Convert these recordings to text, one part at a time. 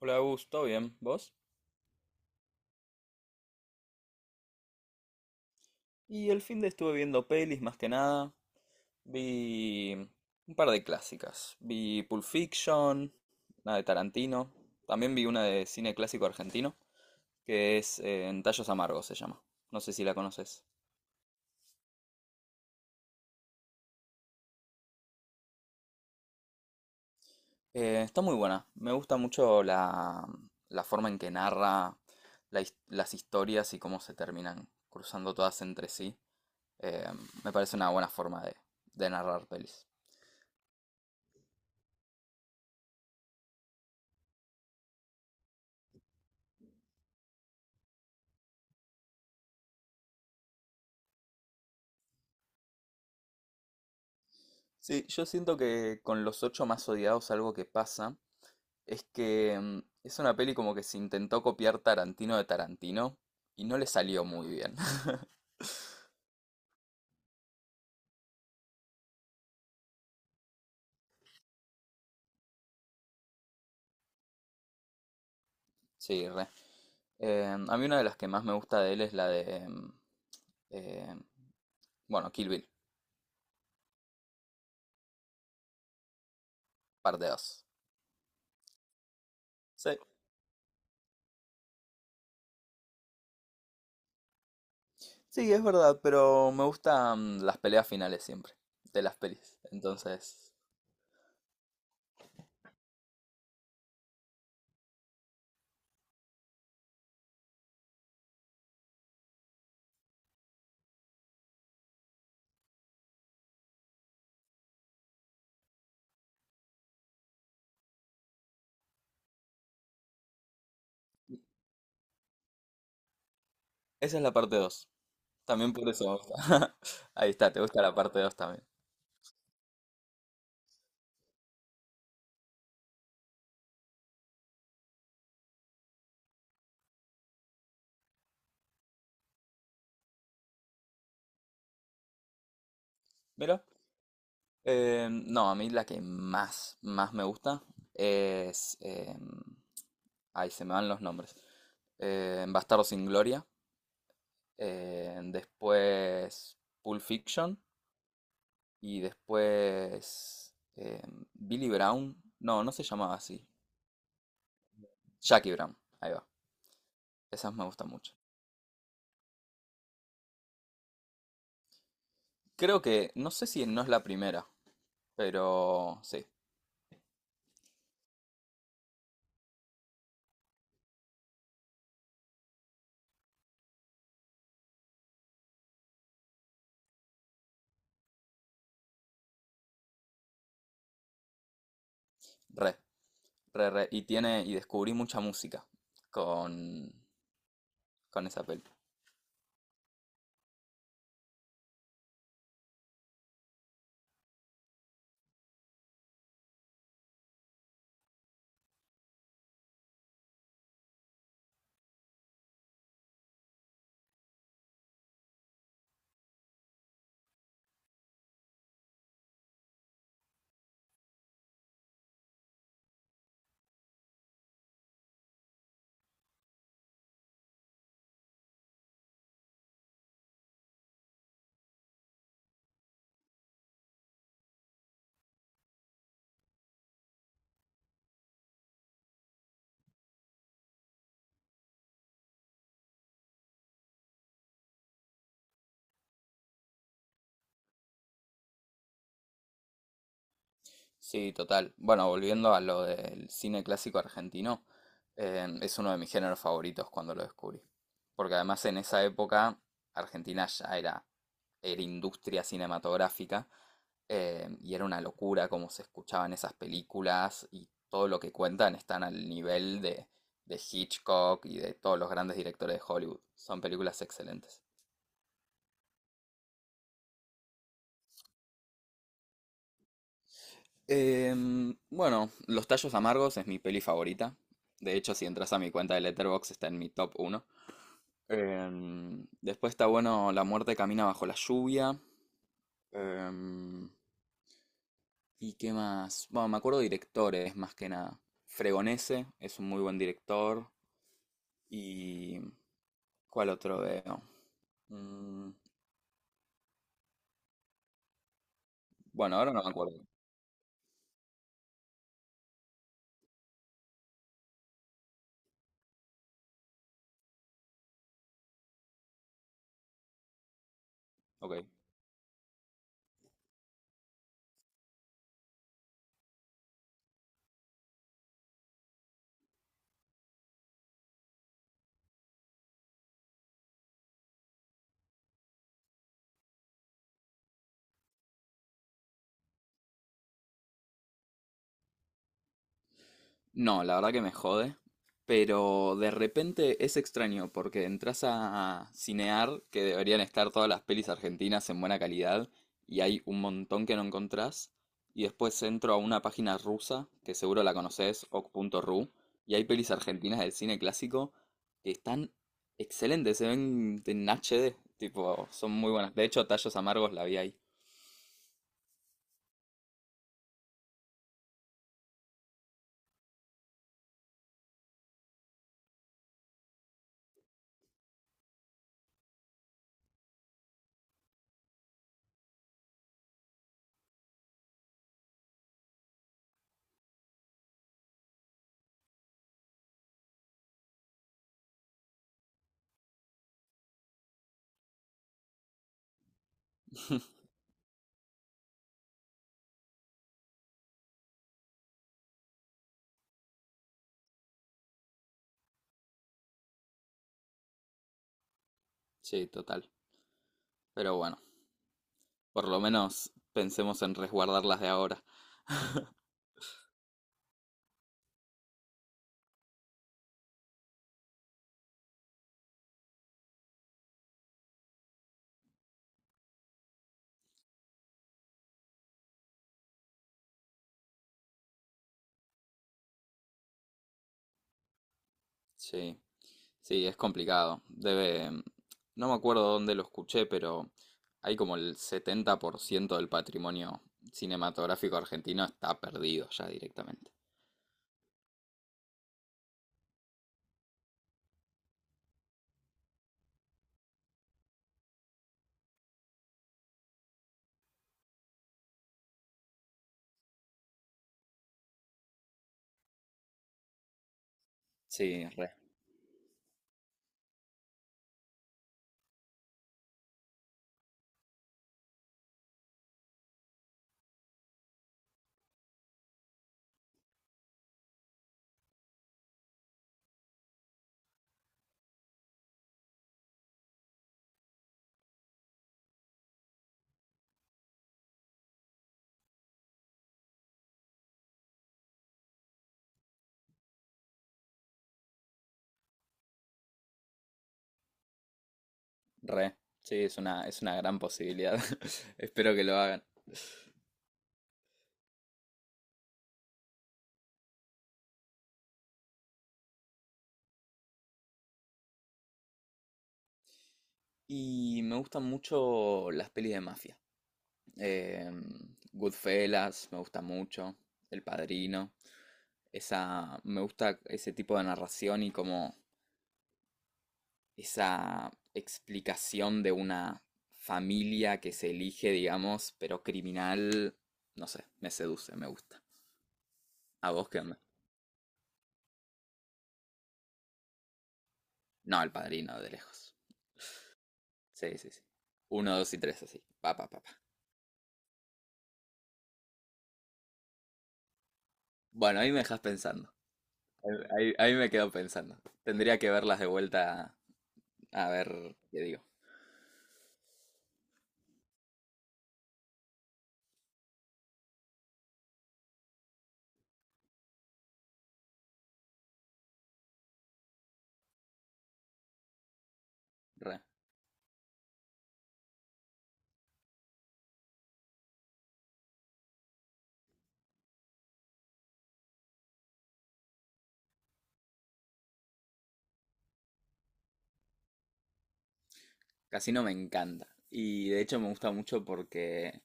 Hola, Gus, ¿todo bien? ¿Vos? Y el fin de estuve viendo pelis más que nada. Vi un par de clásicas. Vi Pulp Fiction, una de Tarantino. También vi una de cine clásico argentino, que es En Tallos Amargos se llama. No sé si la conoces. Está muy buena. Me gusta mucho la forma en que narra las historias y cómo se terminan cruzando todas entre sí. Eh, Me parece una buena forma de narrar pelis. Sí, yo siento que con Los Ocho Más Odiados algo que pasa es que es una peli como que se intentó copiar Tarantino de Tarantino y no le salió muy bien. Sí, re. A mí una de las que más me gusta de él es la de, eh, bueno, Kill Bill, parte 2. Sí, sí, es verdad, pero me gustan las peleas finales siempre de las pelis. Entonces, esa es la parte 2. También por eso me gusta. Ahí está, te gusta la parte 2 también. Mira. No, a mí la que más me gusta es... ahí se me van los nombres. Bastardos sin Gloria. Después Pulp Fiction. Y después Billy Brown. No, no se llamaba así. Jackie Brown. Ahí va. Esas me gustan mucho. Creo que, no sé si no es la primera, pero sí, re, re. Y tiene, y descubrí mucha música con, con esa peli. Sí, total. Bueno, volviendo a lo del cine clásico argentino, es uno de mis géneros favoritos cuando lo descubrí. Porque además en esa época Argentina ya era industria cinematográfica y era una locura cómo se escuchaban esas películas y todo lo que cuentan están al nivel de Hitchcock y de todos los grandes directores de Hollywood. Son películas excelentes. Bueno, Los Tallos Amargos es mi peli favorita. De hecho, si entras a mi cuenta de Letterboxd está en mi top uno. Después está bueno La muerte camina bajo la lluvia. Em, ¿Y qué más? Bueno, me acuerdo de directores más que nada. Fregonese es un muy buen director. ¿Y cuál otro veo? Mm, bueno, ahora no me acuerdo. Ok. No, la verdad que me jode, pero de repente es extraño porque entras a Cinear, que deberían estar todas las pelis argentinas en buena calidad, y hay un montón que no encontrás, y después entro a una página rusa, que seguro la conoces, o k punto ru y hay pelis argentinas del cine clásico que están excelentes, se ven en HD, tipo, son muy buenas. De hecho, Tallos Amargos la vi ahí. Sí, total. Pero bueno, por lo menos pensemos en resguardarlas de ahora. Sí. Sí, es complicado. No me acuerdo dónde lo escuché, pero hay como el 70% del patrimonio cinematográfico argentino está perdido ya directamente. Sí, re. Sí, es una gran posibilidad. Espero que lo hagan. Y me gustan mucho las pelis de mafia. Eh, Goodfellas, me gusta mucho. El Padrino. Esa, me gusta ese tipo de narración y cómo, esa explicación de una familia que se elige, digamos, pero criminal, no sé, me seduce, me gusta. ¿A vos qué onda? No, el padrino de lejos. Sí, sí, sí. Uno, dos y tres, así. Pa, pa, pa, pa. Bueno, ahí me dejas pensando. Ahí, me quedo pensando. Tendría que verlas de vuelta a ver qué digo. Re. Casino me encanta. Y de hecho me gusta mucho porque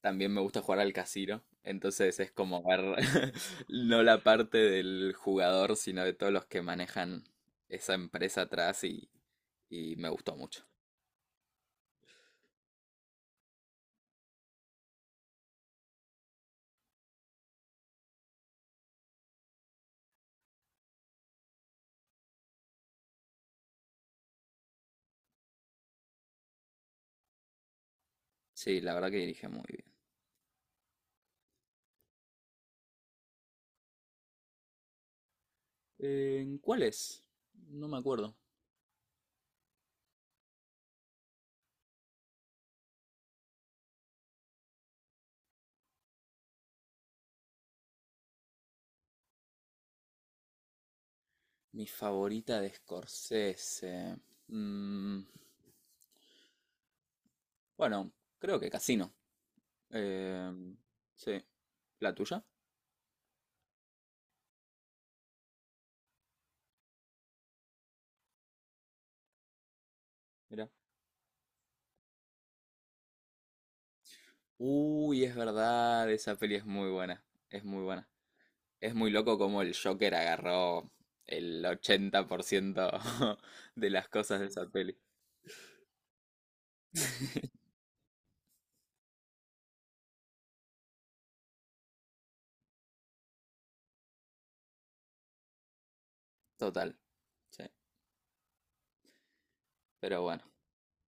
también me gusta jugar al casino, entonces es como ver no la parte del jugador, sino de todos los que manejan esa empresa atrás y me gustó mucho. Sí, la verdad que dirige muy bien. ¿Cuál es? No me acuerdo. Mi favorita de Scorsese. Mm, bueno, creo que Casino. Eh, sí. ¿La tuya? Mira. Uy, es verdad, esa peli es muy buena. Es muy buena. Es muy loco cómo el Joker agarró el 80% de las cosas de esa peli. Total. Sí. Pero bueno,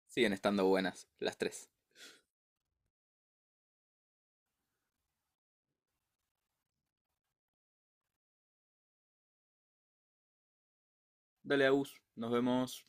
siguen estando buenas las tres. Dale, Agus. Nos vemos.